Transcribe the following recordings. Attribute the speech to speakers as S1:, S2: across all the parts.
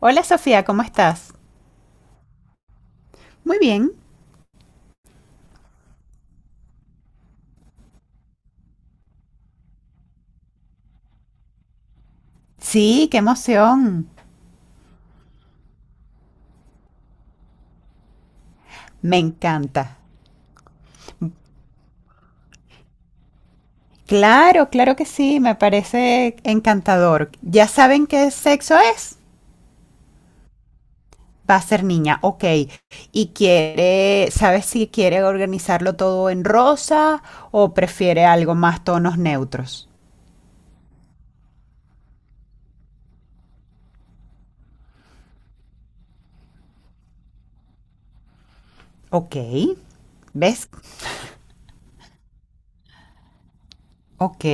S1: Hola Sofía, ¿cómo estás? Muy bien. Sí, qué emoción. Me encanta. Claro, claro que sí, me parece encantador. ¿Ya saben qué sexo es? Va a ser niña, ok. ¿Y quiere, sabes si quiere organizarlo todo en rosa o prefiere algo más tonos neutros? Ok, ¿ves? Ok.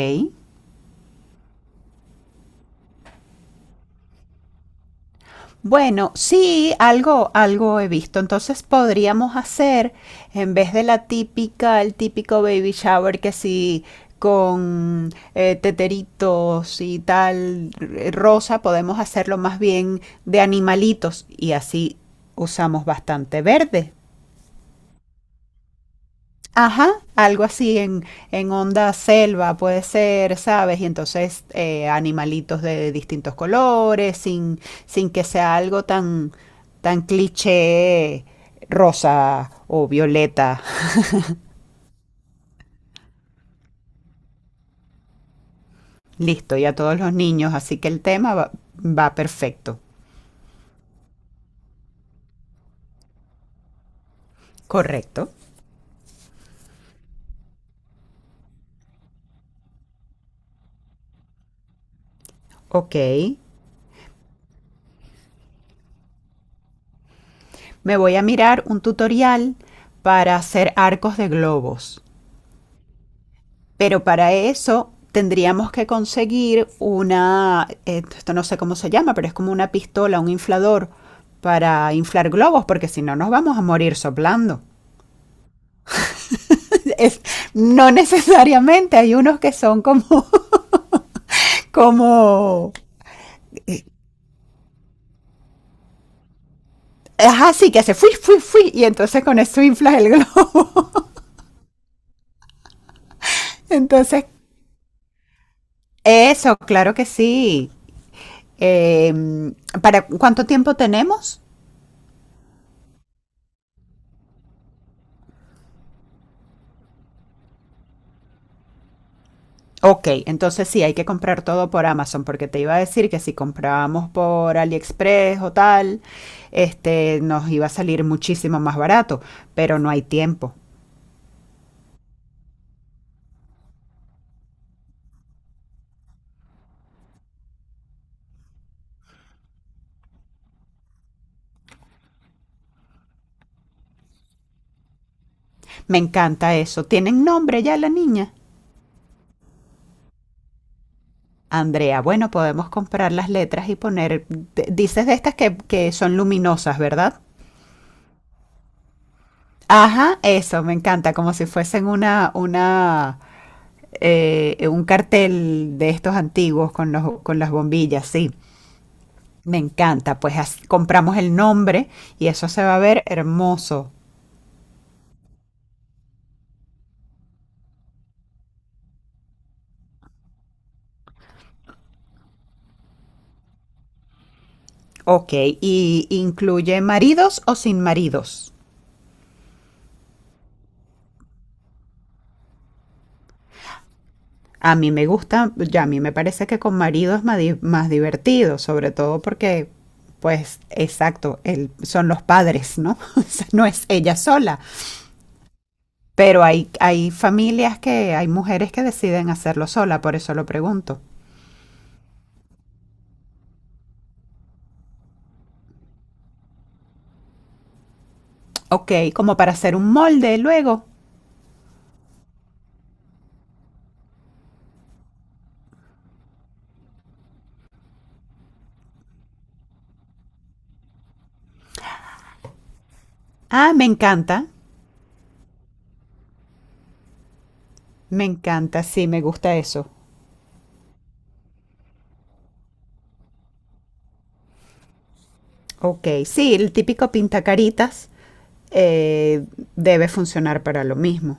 S1: Bueno, sí, algo he visto. Entonces podríamos hacer, en vez de la típica, el típico baby shower que sí, con teteritos y tal, rosa, podemos hacerlo más bien de animalitos y así usamos bastante verde. Ajá, en onda selva puede ser, ¿sabes? Y entonces animalitos de distintos colores, sin que sea algo tan cliché rosa o violeta. Listo, y a todos los niños, así que va perfecto. Correcto. Ok, me voy a mirar un tutorial para hacer arcos de globos. Pero para eso tendríamos que conseguir esto no sé cómo se llama, pero es como una pistola, un inflador para inflar globos, porque si no nos vamos a morir soplando. Es, no necesariamente, hay unos que como, eh, ajá, sí, que hace fui, fui, fui, y entonces con eso inflas el globo. Entonces, eso, claro que sí. Eh, ¿Para cuánto tiempo tenemos? Ok, entonces sí, hay que comprar todo por Amazon, porque te iba a decir que si comprábamos por AliExpress o tal, este, nos iba a salir muchísimo más barato, pero no hay tiempo. Me encanta eso. ¿Tienen nombre ya la niña? Andrea, bueno, podemos comprar las letras y poner, dices de estas que son luminosas, ¿verdad? Ajá, eso, me encanta, como si fuesen un cartel de estos antiguos con con las bombillas, sí. Me encanta, pues compramos el nombre y eso se va a ver hermoso. Ok, ¿y incluye maridos o sin maridos? A mí me gusta, ya a mí me parece que con maridos es más divertido, sobre todo porque, pues, exacto, son los padres, ¿no? O sea, no es ella sola, pero hay familias que, hay mujeres que deciden hacerlo sola, por eso lo pregunto. Ok, como para hacer un molde luego. Ah, me encanta, sí, me gusta eso. Ok, sí, el típico pintacaritas eh, debe funcionar para lo mismo,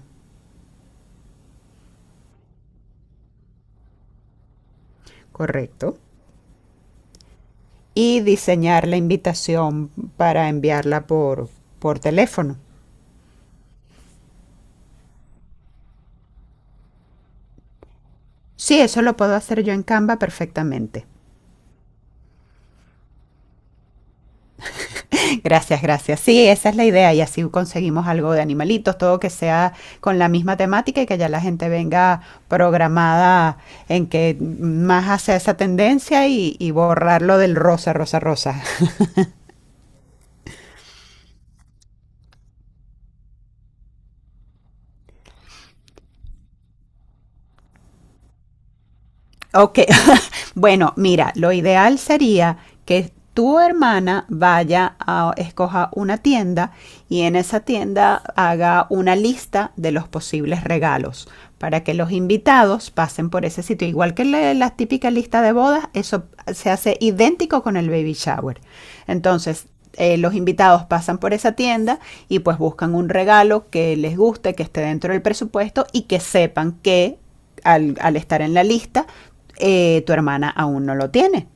S1: correcto. Y diseñar la invitación para enviarla por teléfono. Sí, eso lo puedo hacer yo en Canva perfectamente. Gracias, gracias. Sí, esa es la idea y así conseguimos algo de animalitos, todo que sea con la misma temática y que ya la gente venga programada en que más hace esa tendencia y borrarlo del rosa, rosa, rosa. Ok, bueno, mira, lo ideal sería que tu hermana vaya a escoja una tienda y en esa tienda haga una lista de los posibles regalos para que los invitados pasen por ese sitio. Igual que la típica lista de bodas, eso se hace idéntico con el baby shower. Entonces, los invitados pasan por esa tienda y pues buscan un regalo que les guste, que esté dentro del presupuesto y que sepan que al estar en la lista, tu hermana aún no lo tiene.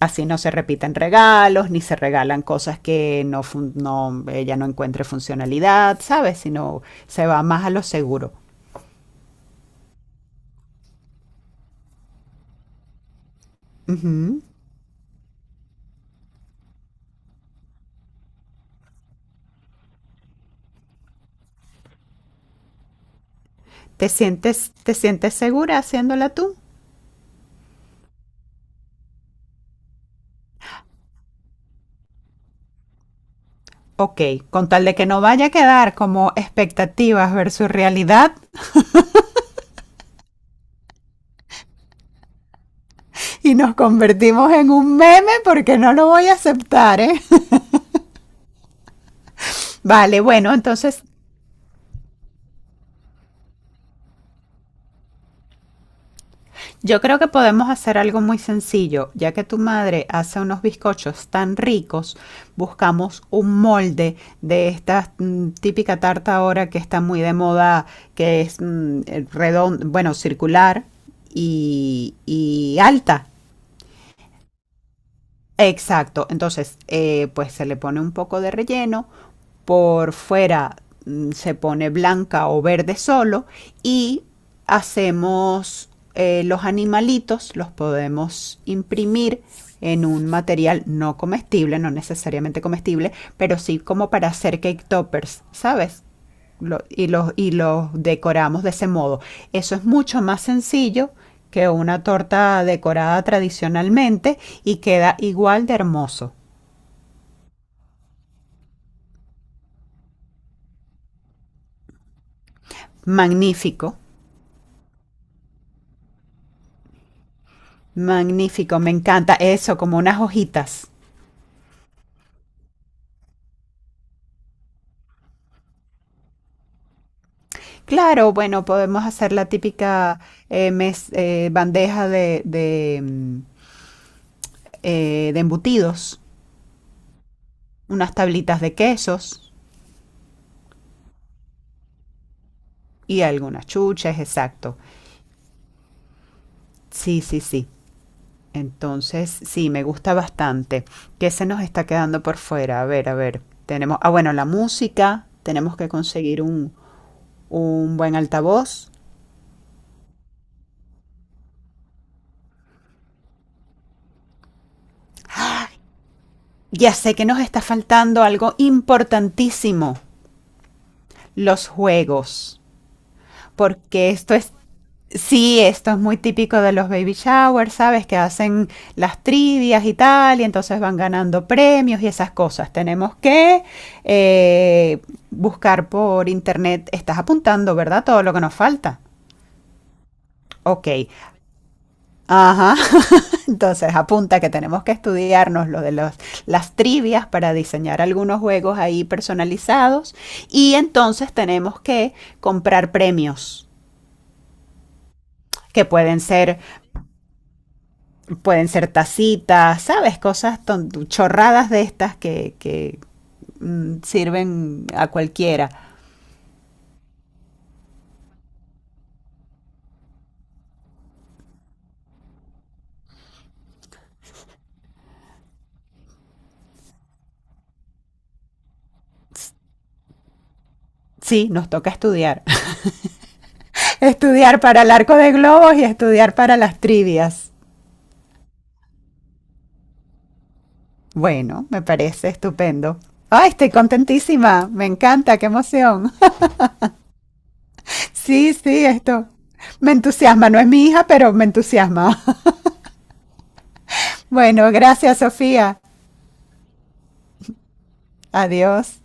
S1: Así no se repiten regalos, ni se regalan cosas que no, no ella no encuentre funcionalidad, ¿sabes? Sino se va más a lo seguro. Ujú. ¿Te sientes segura haciéndola tú? Ok, con tal de que no vaya a quedar como expectativas versus realidad y nos convertimos en un meme porque no lo voy a aceptar, ¿eh? Vale, bueno, entonces yo creo que podemos hacer algo muy sencillo, ya que tu madre hace unos bizcochos tan ricos, buscamos un molde de esta típica tarta ahora que está muy de moda, que es redondo, bueno, circular y alta. Exacto, entonces pues se le pone un poco de relleno, por fuera se pone blanca o verde solo y hacemos los animalitos, los podemos imprimir en un material no comestible, no necesariamente comestible, pero sí como para hacer cake toppers, ¿sabes? Los decoramos de ese modo. Eso es mucho más sencillo que una torta decorada tradicionalmente y queda igual de hermoso. Magnífico, magnífico, me encanta eso, como unas hojitas. Claro, bueno, podemos hacer la típica bandeja de embutidos, unas tablitas de quesos y algunas chuches, exacto. Sí, sí, sí. Entonces, sí, me gusta bastante. ¿Qué se nos está quedando por fuera? A ver, a ver. Tenemos, ah, bueno, la música. Tenemos que conseguir un buen altavoz. Ya sé que nos está faltando algo importantísimo, los juegos. Porque esto es, sí, esto es muy típico de los baby showers, ¿sabes? Que hacen las trivias y tal, y entonces van ganando premios y esas cosas. Tenemos que eh, buscar por internet, estás apuntando, ¿verdad? Todo lo que nos falta. Ok, ajá. Entonces apunta que tenemos que estudiarnos las trivias para diseñar algunos juegos ahí personalizados y entonces tenemos que comprar premios que pueden ser tacitas, ¿sabes? Cosas chorradas de estas que sirven a cualquiera. Sí, nos toca estudiar. Estudiar para el arco de globos y estudiar para las trivias. Bueno, me parece estupendo. ¡Ay, estoy contentísima! Me encanta, qué emoción. Sí, sí, esto. Me entusiasma, no es mi hija, pero me entusiasma. Bueno, gracias, Sofía. Adiós.